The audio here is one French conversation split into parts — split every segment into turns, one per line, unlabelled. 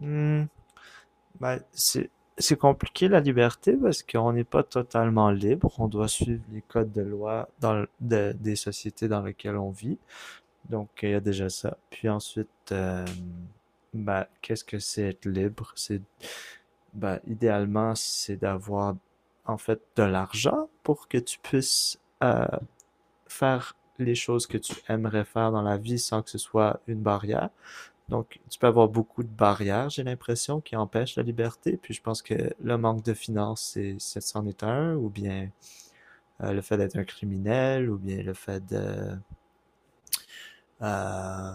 Hmm, ben, c'est compliqué la liberté parce qu'on n'est pas totalement libre. On doit suivre les codes de loi dans des sociétés dans lesquelles on vit. Donc, il y a déjà ça. Puis ensuite, ben, qu'est-ce que c'est être libre? C'est, ben, idéalement, c'est d'avoir en fait de l'argent pour que tu puisses faire les choses que tu aimerais faire dans la vie sans que ce soit une barrière. Donc, tu peux avoir beaucoup de barrières, j'ai l'impression, qui empêchent la liberté. Puis je pense que le manque de finances, c'en est un, ou bien le fait d'être un criminel, ou bien le fait de... Euh,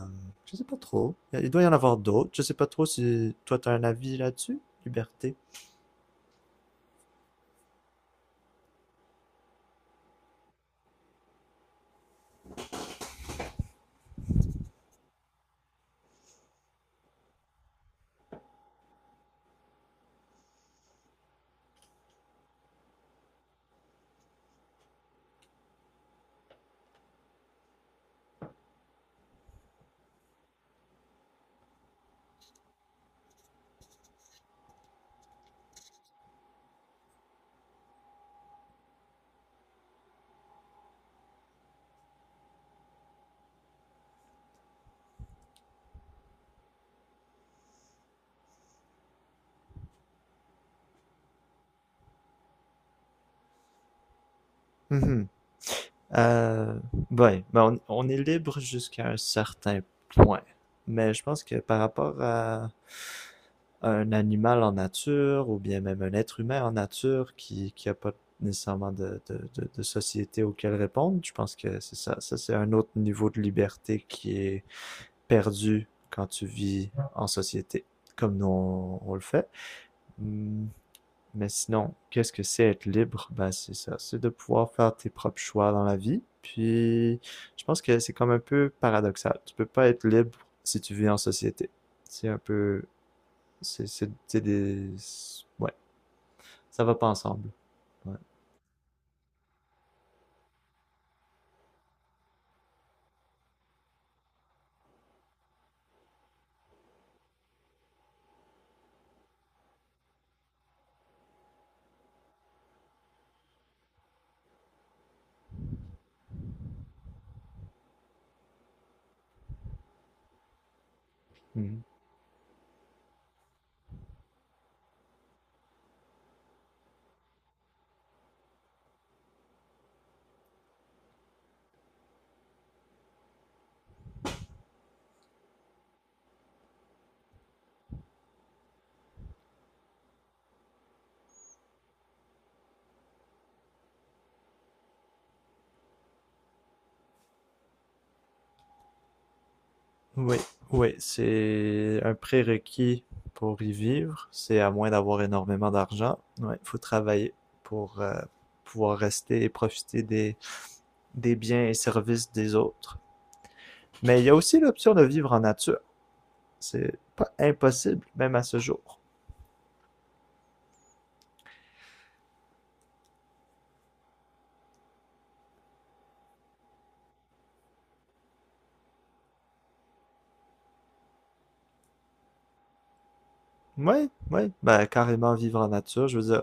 je sais pas trop. Il doit y en avoir d'autres. Je sais pas trop si toi, t'as un avis là-dessus, liberté. Mhm. Euh, ouais, ben, on est libre jusqu'à un certain point. Mais je pense que par rapport à un animal en nature, ou bien même un être humain en nature qui a pas nécessairement de société auquel répondre, je pense que c'est ça. Ça, c'est un autre niveau de liberté qui est perdu quand tu vis en société, comme nous on le fait. Hum, mais sinon, qu'est-ce que c'est être libre? Ben, c'est ça, c'est de pouvoir faire tes propres choix dans la vie. Puis, je pense que c'est comme un peu paradoxal. Tu peux pas être libre si tu vis en société. C'est un peu, c'est des, ouais, ça va pas ensemble. Ouais. Mhm. Oui, oui, c'est un prérequis pour y vivre. C'est à moins d'avoir énormément d'argent. Ouais, faut travailler pour pouvoir rester et profiter des biens et services des autres. Mais il y a aussi l'option de vivre en nature. C'est pas impossible, même à ce jour. Oui, oui, ben, carrément vivre en nature. Je veux dire,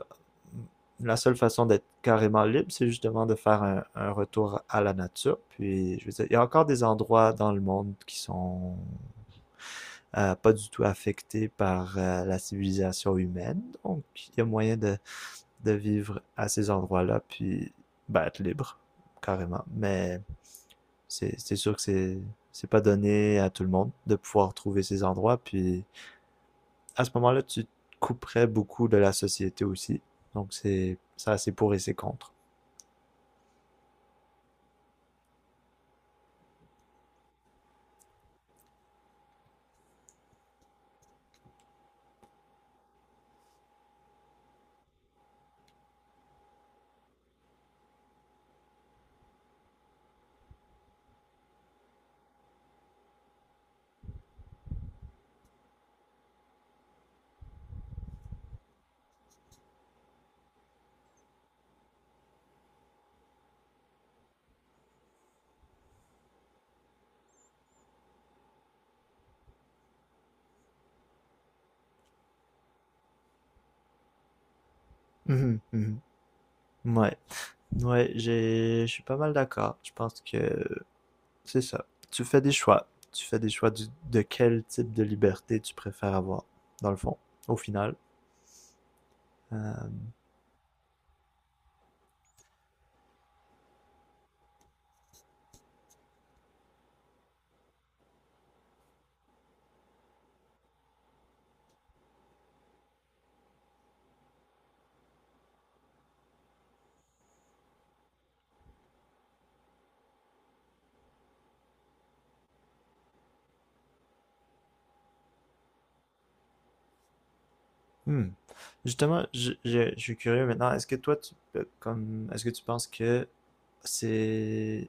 la seule façon d'être carrément libre, c'est justement de faire un retour à la nature. Puis, je veux dire, il y a encore des endroits dans le monde qui sont pas du tout affectés par la civilisation humaine. Donc, il y a moyen de vivre à ces endroits-là, puis ben, être libre, carrément. Mais c'est sûr que c'est pas donné à tout le monde de pouvoir trouver ces endroits. Puis à ce moment-là, tu te couperais beaucoup de la société aussi. Donc c'est ça, c'est pour et c'est contre. Mhm, mhm. Ouais, ouais, je suis pas mal d'accord. Je pense que c'est ça. Tu fais des choix. Tu fais des choix de quel type de liberté tu préfères avoir, dans le fond, au final. Euh, Hmm. Justement, je suis curieux maintenant. Est-ce que toi, comme, est-ce que tu penses que c'est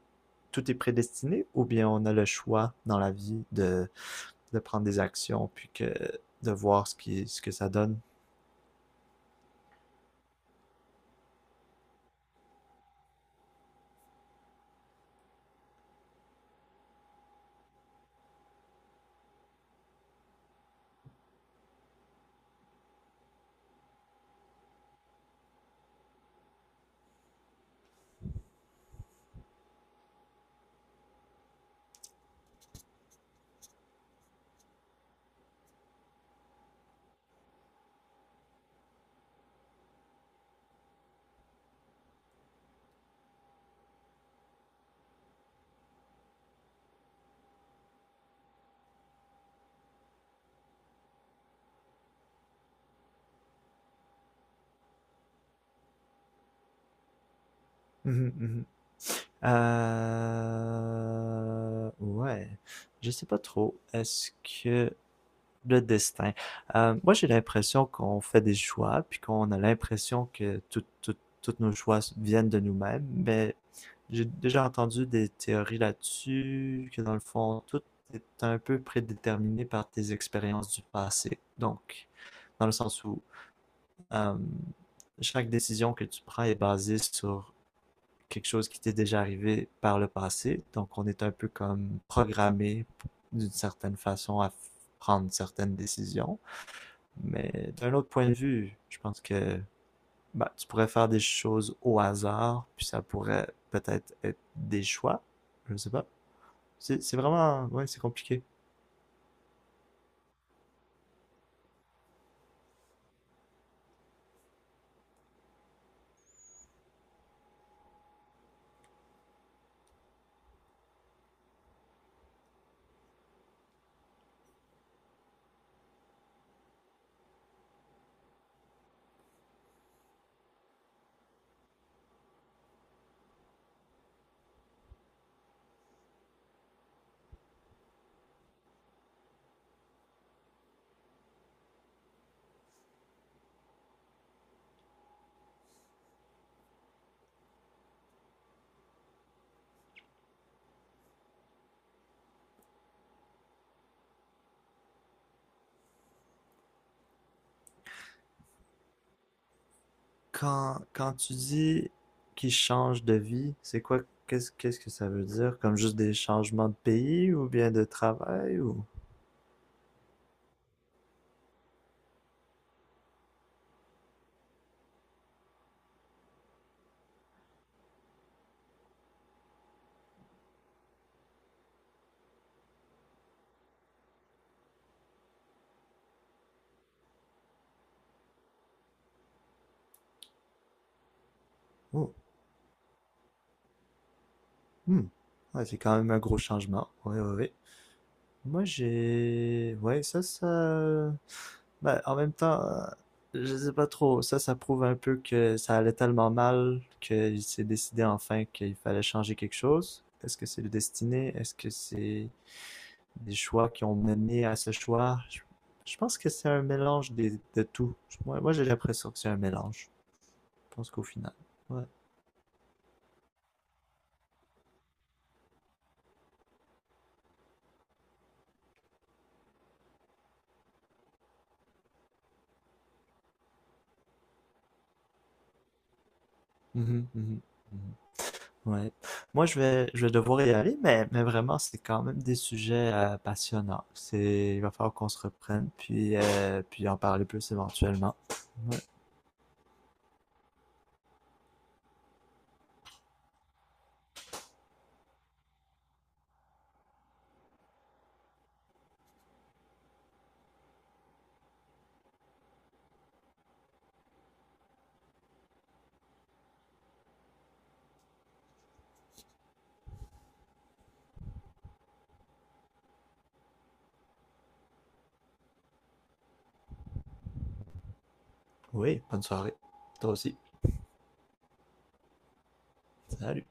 tout est prédestiné ou bien on a le choix dans la vie de prendre des actions puis que de voir ce ce que ça donne? Mhm, mhm. Ouais, je sais pas trop. Est-ce que le destin. Moi, j'ai l'impression qu'on fait des choix, puis qu'on a l'impression que tous nos choix viennent de nous-mêmes, mais j'ai déjà entendu des théories là-dessus, que dans le fond, tout est un peu prédéterminé par tes expériences du passé. Donc, dans le sens où euh, chaque décision que tu prends est basée sur quelque chose qui t'est déjà arrivé par le passé. Donc, on est un peu comme programmé d'une certaine façon à prendre certaines décisions. Mais d'un autre point de vue, je pense que bah, tu pourrais faire des choses au hasard, puis ça pourrait peut-être être des choix. Je ne sais pas. C'est vraiment... Ouais, c'est compliqué. Quand tu dis qu'ils changent de vie, c'est quoi... Qu'est-ce que ça veut dire? Comme juste des changements de pays ou bien de travail ou... Oh, hmm. Ouais, c'est quand même un gros changement. Oui, oui, oui. Moi, j'ai... Ouais, ça... Bah, en même temps, je sais pas trop. Ça prouve un peu que ça allait tellement mal qu'il s'est décidé enfin qu'il fallait changer quelque chose. Est-ce que c'est le destiné? Est-ce que c'est des choix qui ont mené à ce choix? Je pense que c'est un mélange de tout. Moi j'ai l'impression que c'est un mélange. Je pense qu'au final. Ouais. Mhm, mhm, mhm. Ouais. Moi, je vais devoir y aller, mais vraiment, c'est quand même des sujets passionnants. C'est, il va falloir qu'on se reprenne, puis, puis en parler plus éventuellement. Ouais. Oui, bonne soirée. Toi aussi. Salut.